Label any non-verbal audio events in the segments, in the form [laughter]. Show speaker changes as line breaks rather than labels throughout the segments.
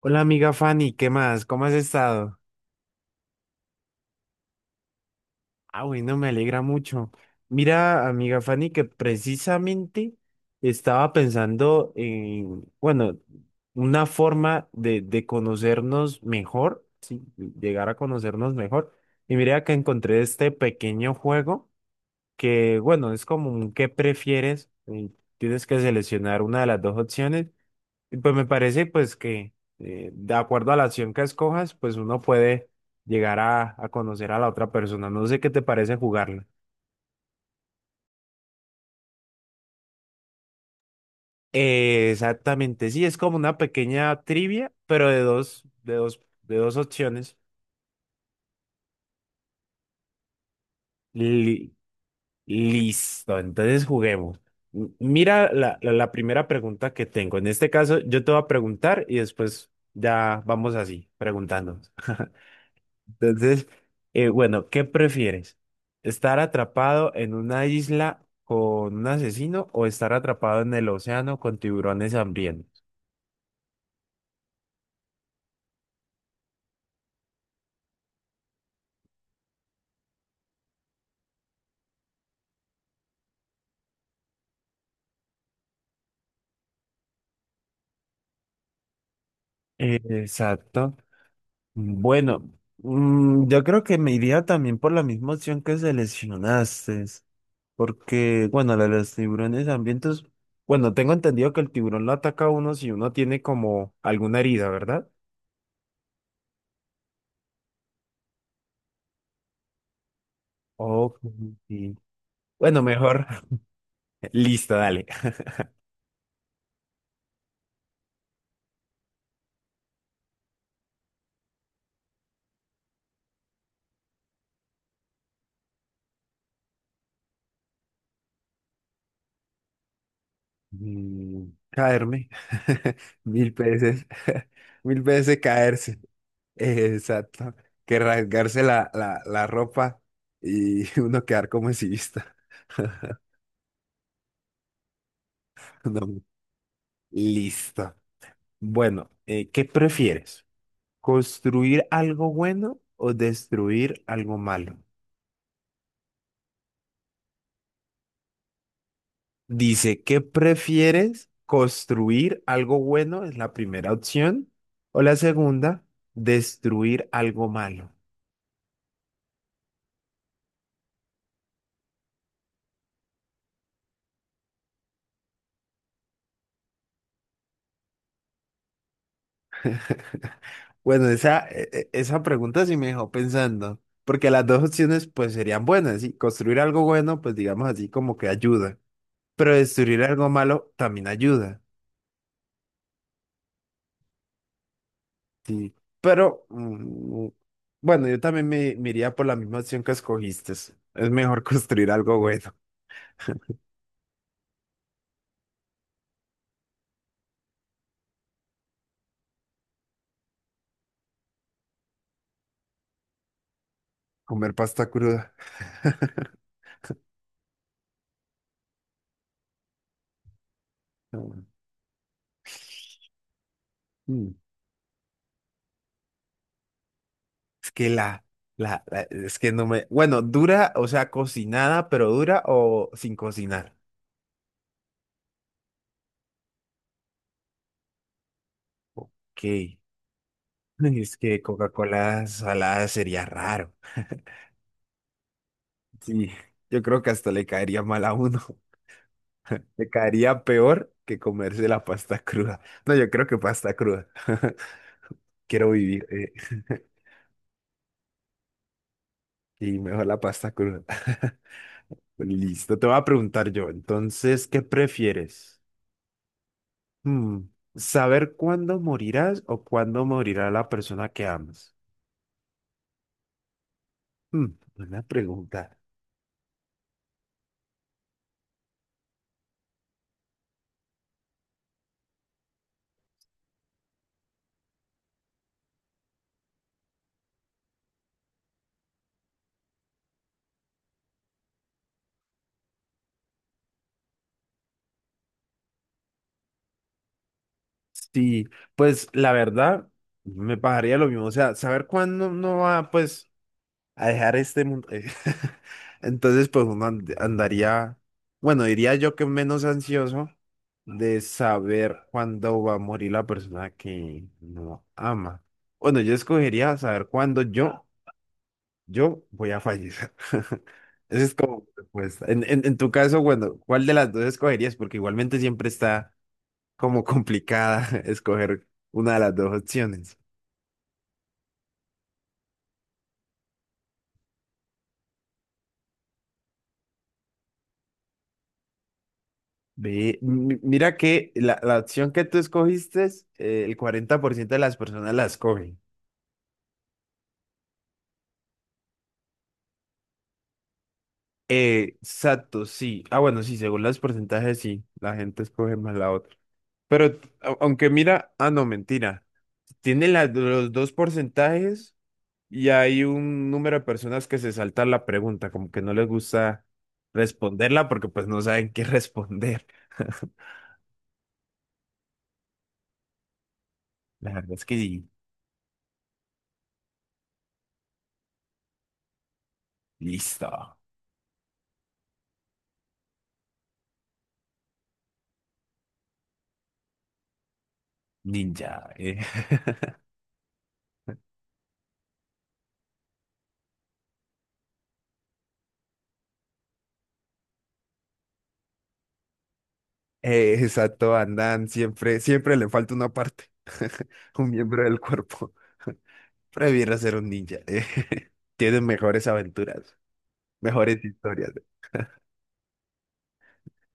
Hola amiga Fanny, ¿qué más? ¿Cómo has estado? Bueno, me alegra mucho. Mira, amiga Fanny, que precisamente estaba pensando en, bueno, una forma de conocernos mejor, sí, llegar a conocernos mejor. Y mira que encontré este pequeño juego que, bueno, es como un ¿qué prefieres? Y tienes que seleccionar una de las dos opciones. Y pues me parece pues que de acuerdo a la acción que escojas, pues uno puede llegar a conocer a la otra persona. No sé qué te parece jugarla. Exactamente, sí, es como una pequeña trivia, pero de dos opciones. Li- Listo, entonces juguemos. Mira la primera pregunta que tengo. En este caso, yo te voy a preguntar y después ya vamos así, preguntando. Entonces, bueno, ¿qué prefieres? ¿Estar atrapado en una isla con un asesino o estar atrapado en el océano con tiburones hambrientos? Exacto. Bueno, yo creo que me iría también por la misma opción que seleccionaste, porque, bueno, la de los tiburones hambrientos, bueno, tengo entendido que el tiburón lo ataca a uno si uno tiene como alguna herida, ¿verdad? Ok, sí. Bueno, mejor. [laughs] Listo, dale. Caerme. [laughs] Mil veces. [laughs] Mil veces caerse. Exacto. Que rasgarse la ropa y [laughs] uno quedar como exhibista. [laughs] No. Listo. Bueno, ¿qué prefieres? ¿Construir algo bueno o destruir algo malo? Dice, ¿qué prefieres? ¿Construir algo bueno? Es la primera opción. O la segunda, destruir algo malo. [laughs] Bueno, esa pregunta sí me dejó pensando, porque las dos opciones pues serían buenas, ¿sí? Construir algo bueno, pues digamos así como que ayuda, pero destruir algo malo también ayuda, ¿sí? Pero bueno, yo también me iría por la misma opción que escogiste. Es mejor [laughs] construir algo bueno. Comer pasta cruda. [laughs] Mm. Mm. Es que es que no me, bueno, dura, o sea, cocinada, pero dura o sin cocinar. Ok. [laughs] Es que Coca-Cola salada sería raro. Sí, yo creo que hasta le caería mal a uno. [laughs] Le caería peor que comerse la pasta cruda. No, yo creo que pasta cruda. [laughs] Quiero vivir, [laughs] y mejor la pasta cruda. [laughs] Listo, te voy a preguntar yo. Entonces, ¿qué prefieres? Hmm, ¿Saber cuándo morirás o cuándo morirá la persona que amas? Hmm, Buena pregunta. Sí, pues la verdad me pasaría lo mismo. O sea, saber cuándo uno va pues a dejar este mundo. [laughs] Entonces, pues uno andaría, bueno, diría yo que menos ansioso de saber cuándo va a morir la persona que no ama. Bueno, yo escogería saber cuándo yo voy a fallecer. [laughs] Esa es como mi respuesta. En tu caso, bueno, ¿cuál de las dos escogerías? Porque igualmente siempre está como complicada [laughs] escoger una de las dos opciones. Ve, mira que la opción que tú escogiste, el 40% de las personas la escogen. Exacto, sí. Ah, bueno, sí, según los porcentajes, sí, la gente escoge más la otra. Pero aunque mira, ah, no, mentira. Tiene los dos porcentajes. Y hay un número de personas que se saltan la pregunta, como que no les gusta responderla porque pues no saben qué responder. [laughs] La verdad es que sí, listo, ninja. [laughs] Exacto, andan, siempre, siempre le falta una parte, [laughs] un miembro del cuerpo. [laughs] Prefiero ser un ninja. [laughs] Tienen mejores aventuras, mejores historias,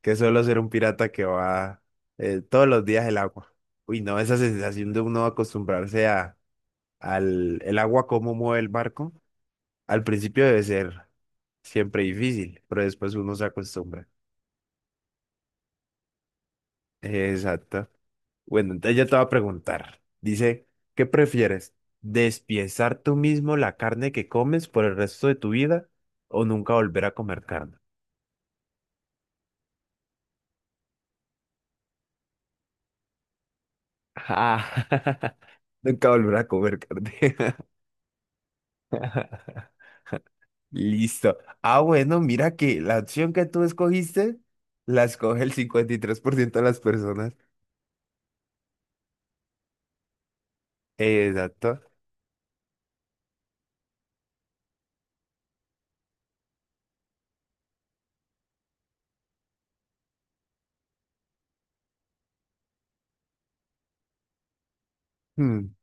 que solo ser un pirata que va todos los días el agua. Uy, no, esa sensación de uno acostumbrarse a al el agua, cómo mueve el barco, al principio debe ser siempre difícil, pero después uno se acostumbra. Exacto. Bueno, entonces yo te voy a preguntar. Dice, ¿qué prefieres? ¿Despiezar tú mismo la carne que comes por el resto de tu vida o nunca volver a comer carne? Ah. [laughs] Nunca volver a comer carne. [laughs] Listo. Ah, bueno, mira que la opción que tú escogiste la escoge el 53% de las personas. Exacto. Mm,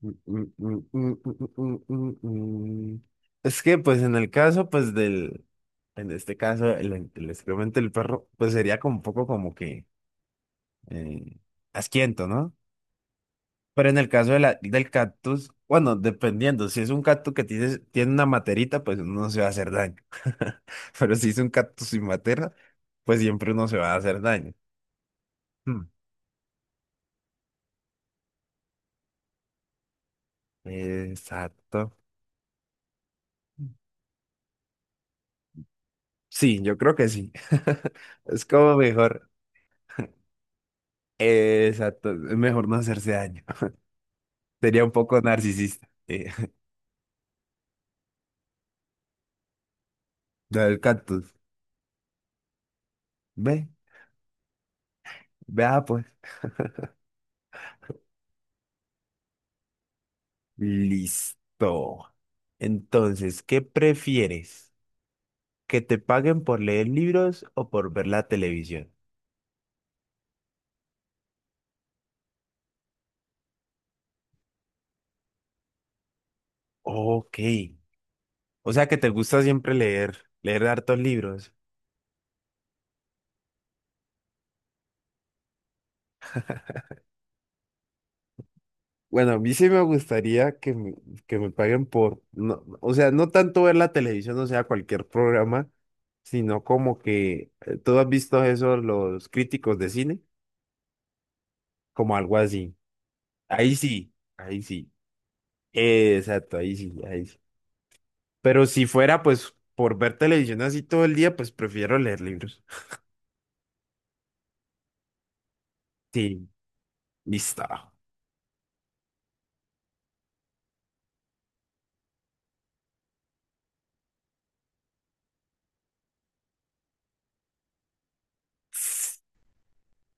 mm, mm, mm, mm, mm, mm, mm, mm. mm. Es que, pues, en el caso, pues, del, en este caso, el excremento del perro, pues, sería como un poco como que eh, asquiento, ¿no? Pero en el caso de del cactus, bueno, dependiendo, si es un cactus que tiene, tiene una materita, pues uno no se va a hacer daño. [laughs] Pero si es un cactus sin matera, pues siempre uno se va a hacer daño. Mm. Exacto. Sí, yo creo que sí. [laughs] Es como mejor. [laughs] Exacto, es mejor no hacerse daño. [laughs] Sería un poco narcisista. [laughs] Lo del cactus. Ve, vea pues. Listo. Entonces, ¿qué prefieres? ¿Que te paguen por leer libros o por ver la televisión? Ok. O sea que te gusta siempre leer, leer hartos libros. Bueno, a mí sí me gustaría que que me paguen por, no, o sea, no tanto ver la televisión, o sea, cualquier programa, sino como que, ¿tú has visto eso, los críticos de cine? Como algo así. Ahí sí, ahí sí. Exacto, ahí sí, ahí sí. Pero si fuera, pues, por ver televisión así todo el día, pues prefiero leer libros. Sí, listo.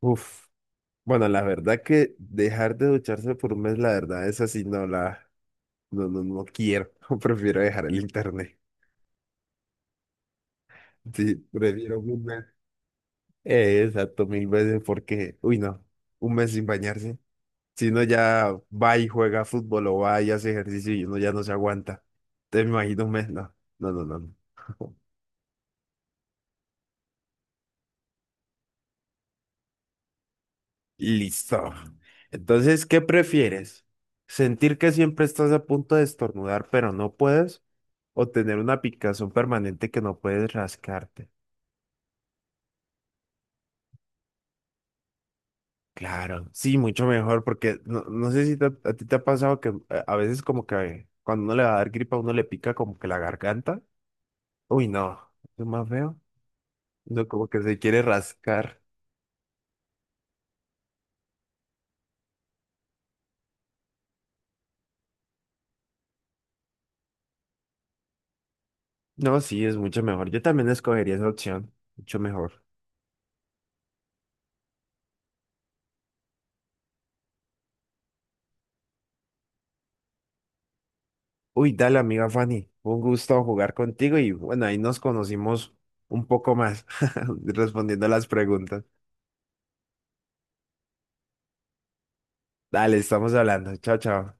Uf. Bueno, la verdad que dejar de ducharse por un mes, la verdad, esa sí no la... No, no, no quiero. [laughs] Prefiero dejar el internet. Sí, prefiero un mes. Exacto, mil veces porque, uy, no, un mes sin bañarse. Si uno ya va y juega fútbol o va y hace ejercicio y uno ya no se aguanta. Te imagino un mes, no, no, no, no. no. [laughs] Listo. Entonces, ¿qué prefieres? ¿Sentir que siempre estás a punto de estornudar pero no puedes? ¿O tener una picazón permanente que no puedes rascarte? Claro, sí, mucho mejor, porque no, no sé si a ti te ha pasado que a veces como que cuando uno le va a dar gripa, uno le pica como que la garganta. Uy, no, es más feo. No, como que se quiere rascar. No, sí, es mucho mejor. Yo también escogería esa opción, mucho mejor. Uy, dale, amiga Fanny, un gusto jugar contigo y bueno, ahí nos conocimos un poco más [laughs] respondiendo a las preguntas. Dale, estamos hablando. Chao, chao.